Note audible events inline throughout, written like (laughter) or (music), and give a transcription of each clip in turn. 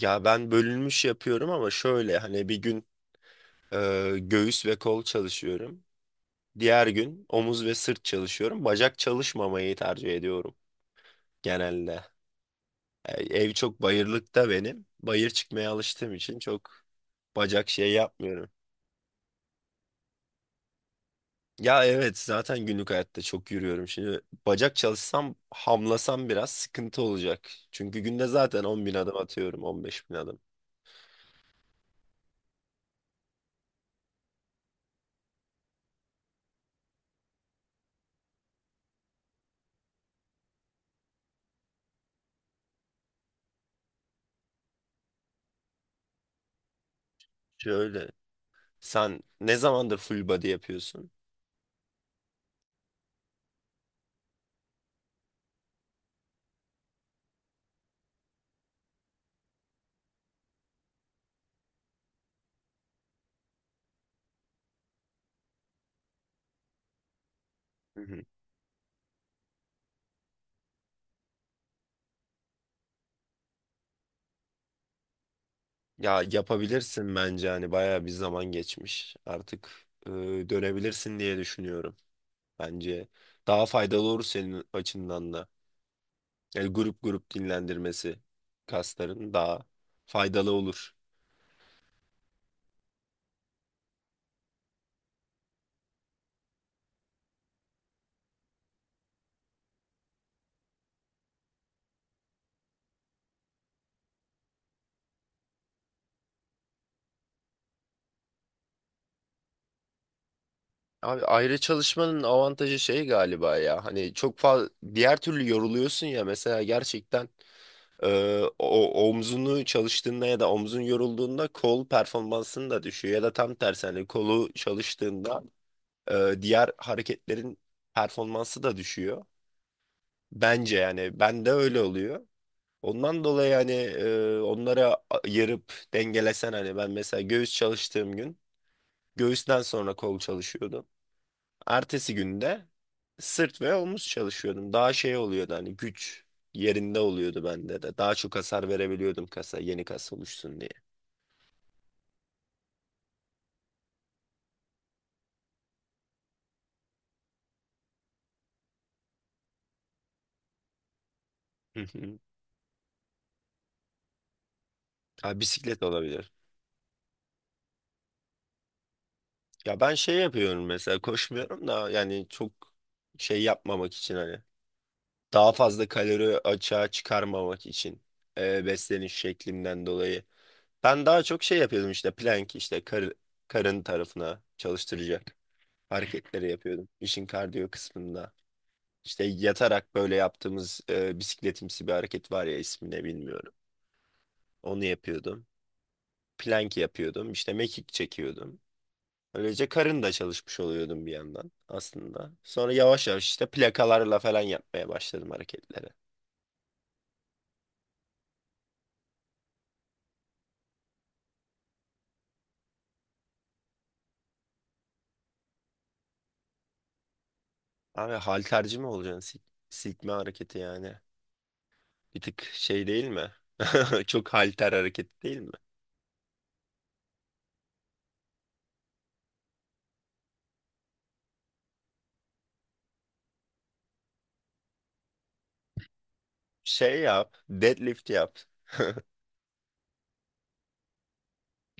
Ya ben bölünmüş yapıyorum ama şöyle hani bir gün göğüs ve kol çalışıyorum. Diğer gün omuz ve sırt çalışıyorum. Bacak çalışmamayı tercih ediyorum genelde. E, ev çok bayırlıkta benim. Bayır çıkmaya alıştığım için çok bacak şey yapmıyorum. Ya evet zaten günlük hayatta çok yürüyorum. Şimdi bacak çalışsam hamlasam biraz sıkıntı olacak. Çünkü günde zaten 10 bin adım atıyorum, 15 bin adım. Şöyle, sen ne zamandır full body yapıyorsun? Hı hı. Ya yapabilirsin bence hani bayağı bir zaman geçmiş. Artık e, dönebilirsin diye düşünüyorum. Bence daha faydalı olur senin açından da. Yani grup grup dinlendirmesi kasların daha faydalı olur. Abi ayrı çalışmanın avantajı şey galiba ya. Hani çok fazla diğer türlü yoruluyorsun ya mesela gerçekten. O omzunu çalıştığında ya da omzun yorulduğunda kol performansın da düşüyor, ya da tam tersi hani kolu çalıştığında diğer hareketlerin performansı da düşüyor. Bence yani ben de öyle oluyor. Ondan dolayı hani onlara ayırıp dengelesen, hani ben mesela göğüs çalıştığım gün göğüsten sonra kol çalışıyordum. Ertesi günde sırt ve omuz çalışıyordum. Daha şey oluyordu hani, güç yerinde oluyordu bende de. Daha çok hasar verebiliyordum kasa, yeni kas oluşsun diye. Hı hı. Ha, bisiklet olabilir. Ya ben şey yapıyorum mesela, koşmuyorum da yani çok şey yapmamak için hani, daha fazla kalori açığa çıkarmamak için besleniş şeklimden dolayı. Ben daha çok şey yapıyordum, işte plank, işte karın tarafına çalıştıracak hareketleri yapıyordum işin kardiyo kısmında. İşte yatarak böyle yaptığımız bisikletimsi bir hareket var ya, ismini bilmiyorum. Onu yapıyordum. Plank yapıyordum. İşte mekik çekiyordum. Böylece karın da çalışmış oluyordum bir yandan aslında. Sonra yavaş yavaş işte plakalarla falan yapmaya başladım hareketleri. Abi halterci mi olacaksın? Silkme hareketi yani. Bir tık şey değil mi? (laughs) Çok halter hareketi değil mi? Şey yap. Deadlift yap.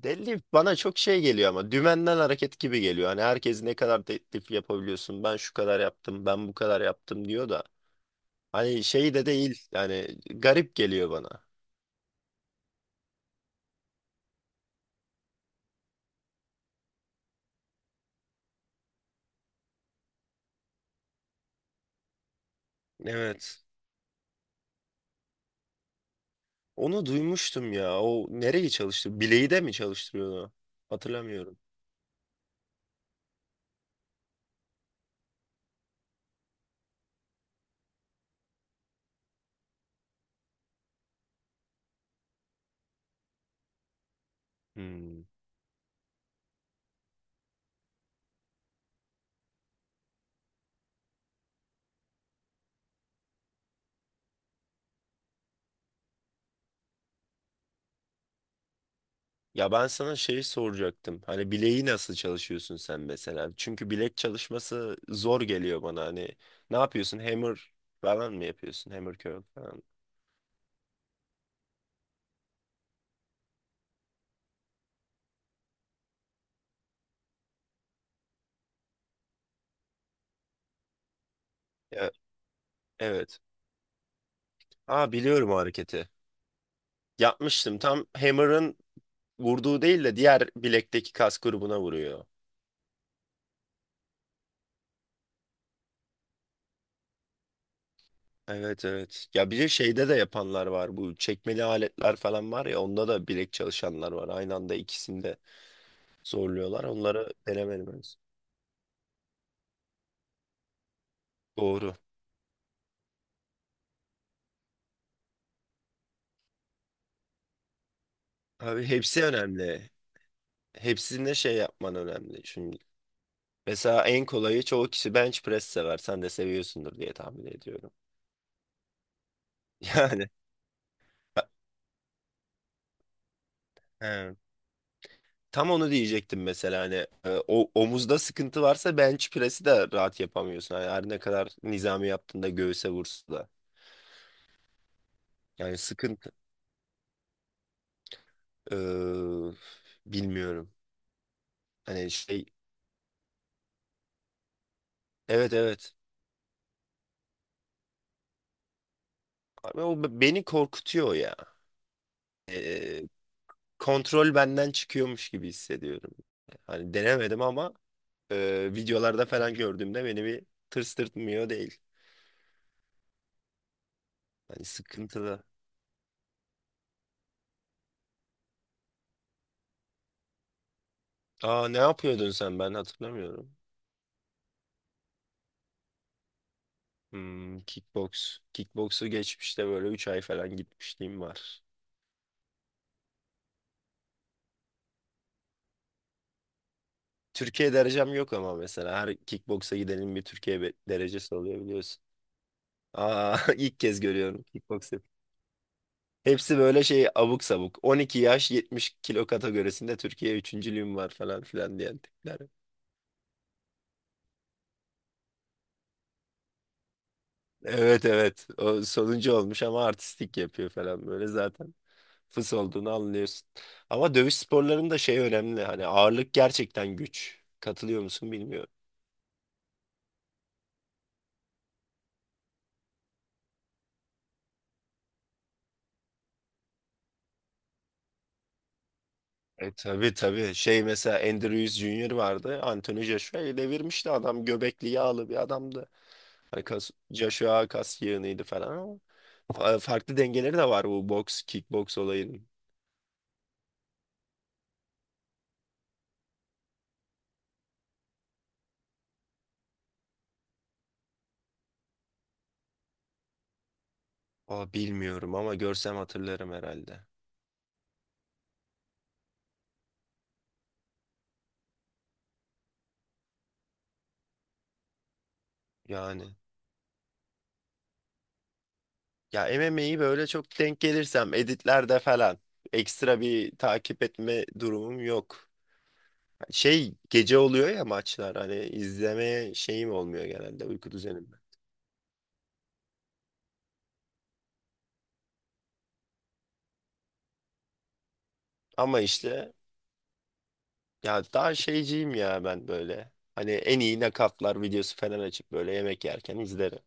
Deli bana çok şey geliyor ama, dümenden hareket gibi geliyor. Hani herkes ne kadar teklif yapabiliyorsun? Ben şu kadar yaptım, ben bu kadar yaptım diyor da. Hani şey de değil. Yani garip geliyor bana. Evet. Onu duymuştum ya. O nereye çalıştı? Bileği de mi çalıştırıyordu? Hatırlamıyorum. Hmm. Ya ben sana şeyi soracaktım. Hani bileği nasıl çalışıyorsun sen mesela? Çünkü bilek çalışması zor geliyor bana. Hani ne yapıyorsun? Hammer falan mı yapıyorsun? Hammer curl falan. Ya, evet. Aa, biliyorum o hareketi. Yapmıştım. Tam Hammer'ın vurduğu değil de diğer bilekteki kas grubuna vuruyor. Evet, evet. Ya bir de şeyde de yapanlar var. Bu çekmeli aletler falan var ya, onda da bilek çalışanlar var. Aynı anda ikisini de zorluyorlar. Onları denemedim henüz. Doğru. Abi hepsi önemli. Hepsinde şey yapman önemli. Şimdi mesela en kolayı, çoğu kişi bench press sever. Sen de seviyorsundur diye tahmin ediyorum. (laughs) Yani. He. Tam onu diyecektim mesela hani o omuzda sıkıntı varsa bench press'i de rahat yapamıyorsun. Yani her ne kadar nizami yaptığında göğüse vursa da. Yani sıkıntı e, bilmiyorum. Hani şey, evet evet. Abi o beni korkutuyor ya. E, kontrol benden çıkıyormuş gibi hissediyorum. Hani denemedim ama videolarda falan gördüğümde beni bir tırstırtmıyor değil. Hani sıkıntılı. Aa, ne yapıyordun sen, ben hatırlamıyorum. Hmm, kickbox. Kickboksu geçmişte böyle 3 ay falan gitmişliğim var. Türkiye derecem yok ama mesela her kickboksa gidenin bir Türkiye derecesi oluyor biliyorsun. Aa, (laughs) ilk kez görüyorum kickboksu. Hepsi böyle şey, abuk sabuk. 12 yaş 70 kilo kategorisinde Türkiye üçüncülüğüm var falan filan diyen tipler. Evet, evet. O sonuncu olmuş ama artistik yapıyor falan böyle zaten. Fıs olduğunu anlıyorsun. Ama dövüş sporlarında şey önemli. Hani ağırlık gerçekten güç. Katılıyor musun bilmiyorum. E tabii, tabii. Şey mesela, Andrews Junior vardı. Anthony Joshua'yı devirmişti adam. Göbekli, yağlı bir adamdı. Hani kas, Joshua kas yığınıydı falan ama farklı dengeleri de var bu boks, kickboks olayının. Aa, bilmiyorum ama görsem hatırlarım herhalde. Yani ya MMA'yi böyle çok denk gelirsem editlerde falan, ekstra bir takip etme durumum yok. Şey gece oluyor ya maçlar, hani izlemeye şeyim olmuyor genelde uyku düzenimde. Ama işte, ya daha şeyciyim ya ben böyle. Hani en iyi nakaflar videosu falan açıp böyle yemek yerken izlerim.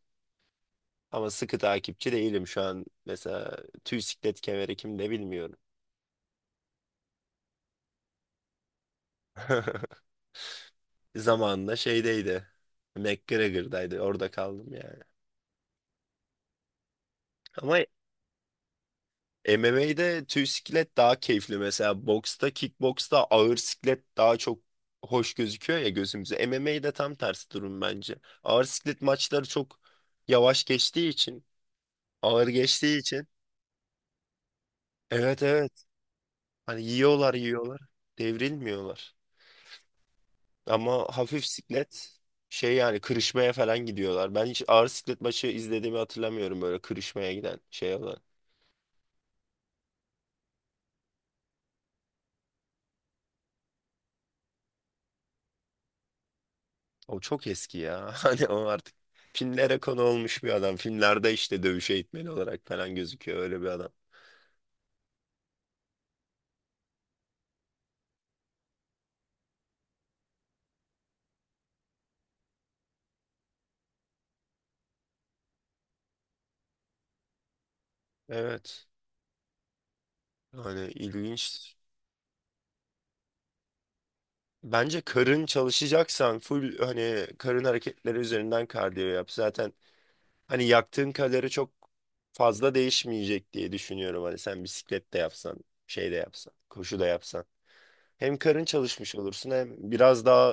Ama sıkı takipçi değilim şu an. Mesela tüy siklet kemeri kimde bilmiyorum. (laughs) Zamanında şeydeydi. McGregor'daydı. Orada kaldım yani. Ama MMA'de tüy siklet daha keyifli. Mesela boksta, kickboksta ağır siklet daha çok hoş gözüküyor ya gözümüze. MMA'de tam tersi durum bence. Ağır siklet maçları çok yavaş geçtiği için, ağır geçtiği için. Evet, evet. Hani yiyorlar yiyorlar. Devrilmiyorlar. Ama hafif siklet şey yani, kırışmaya falan gidiyorlar. Ben hiç ağır siklet maçı izlediğimi hatırlamıyorum böyle kırışmaya giden şey olan. O çok eski ya. (laughs) Hani o artık filmlere konu olmuş bir adam. Filmlerde işte dövüş eğitmeni olarak falan gözüküyor öyle bir adam. Evet. Hani ilginç. Bence karın çalışacaksan full, hani karın hareketleri üzerinden kardiyo yap. Zaten hani yaktığın kalori çok fazla değişmeyecek diye düşünüyorum. Hani sen bisiklet de yapsan, şey de yapsan, koşu da yapsan, hem karın çalışmış olursun hem biraz daha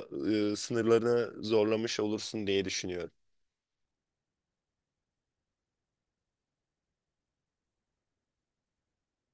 sınırlarını zorlamış olursun diye düşünüyorum.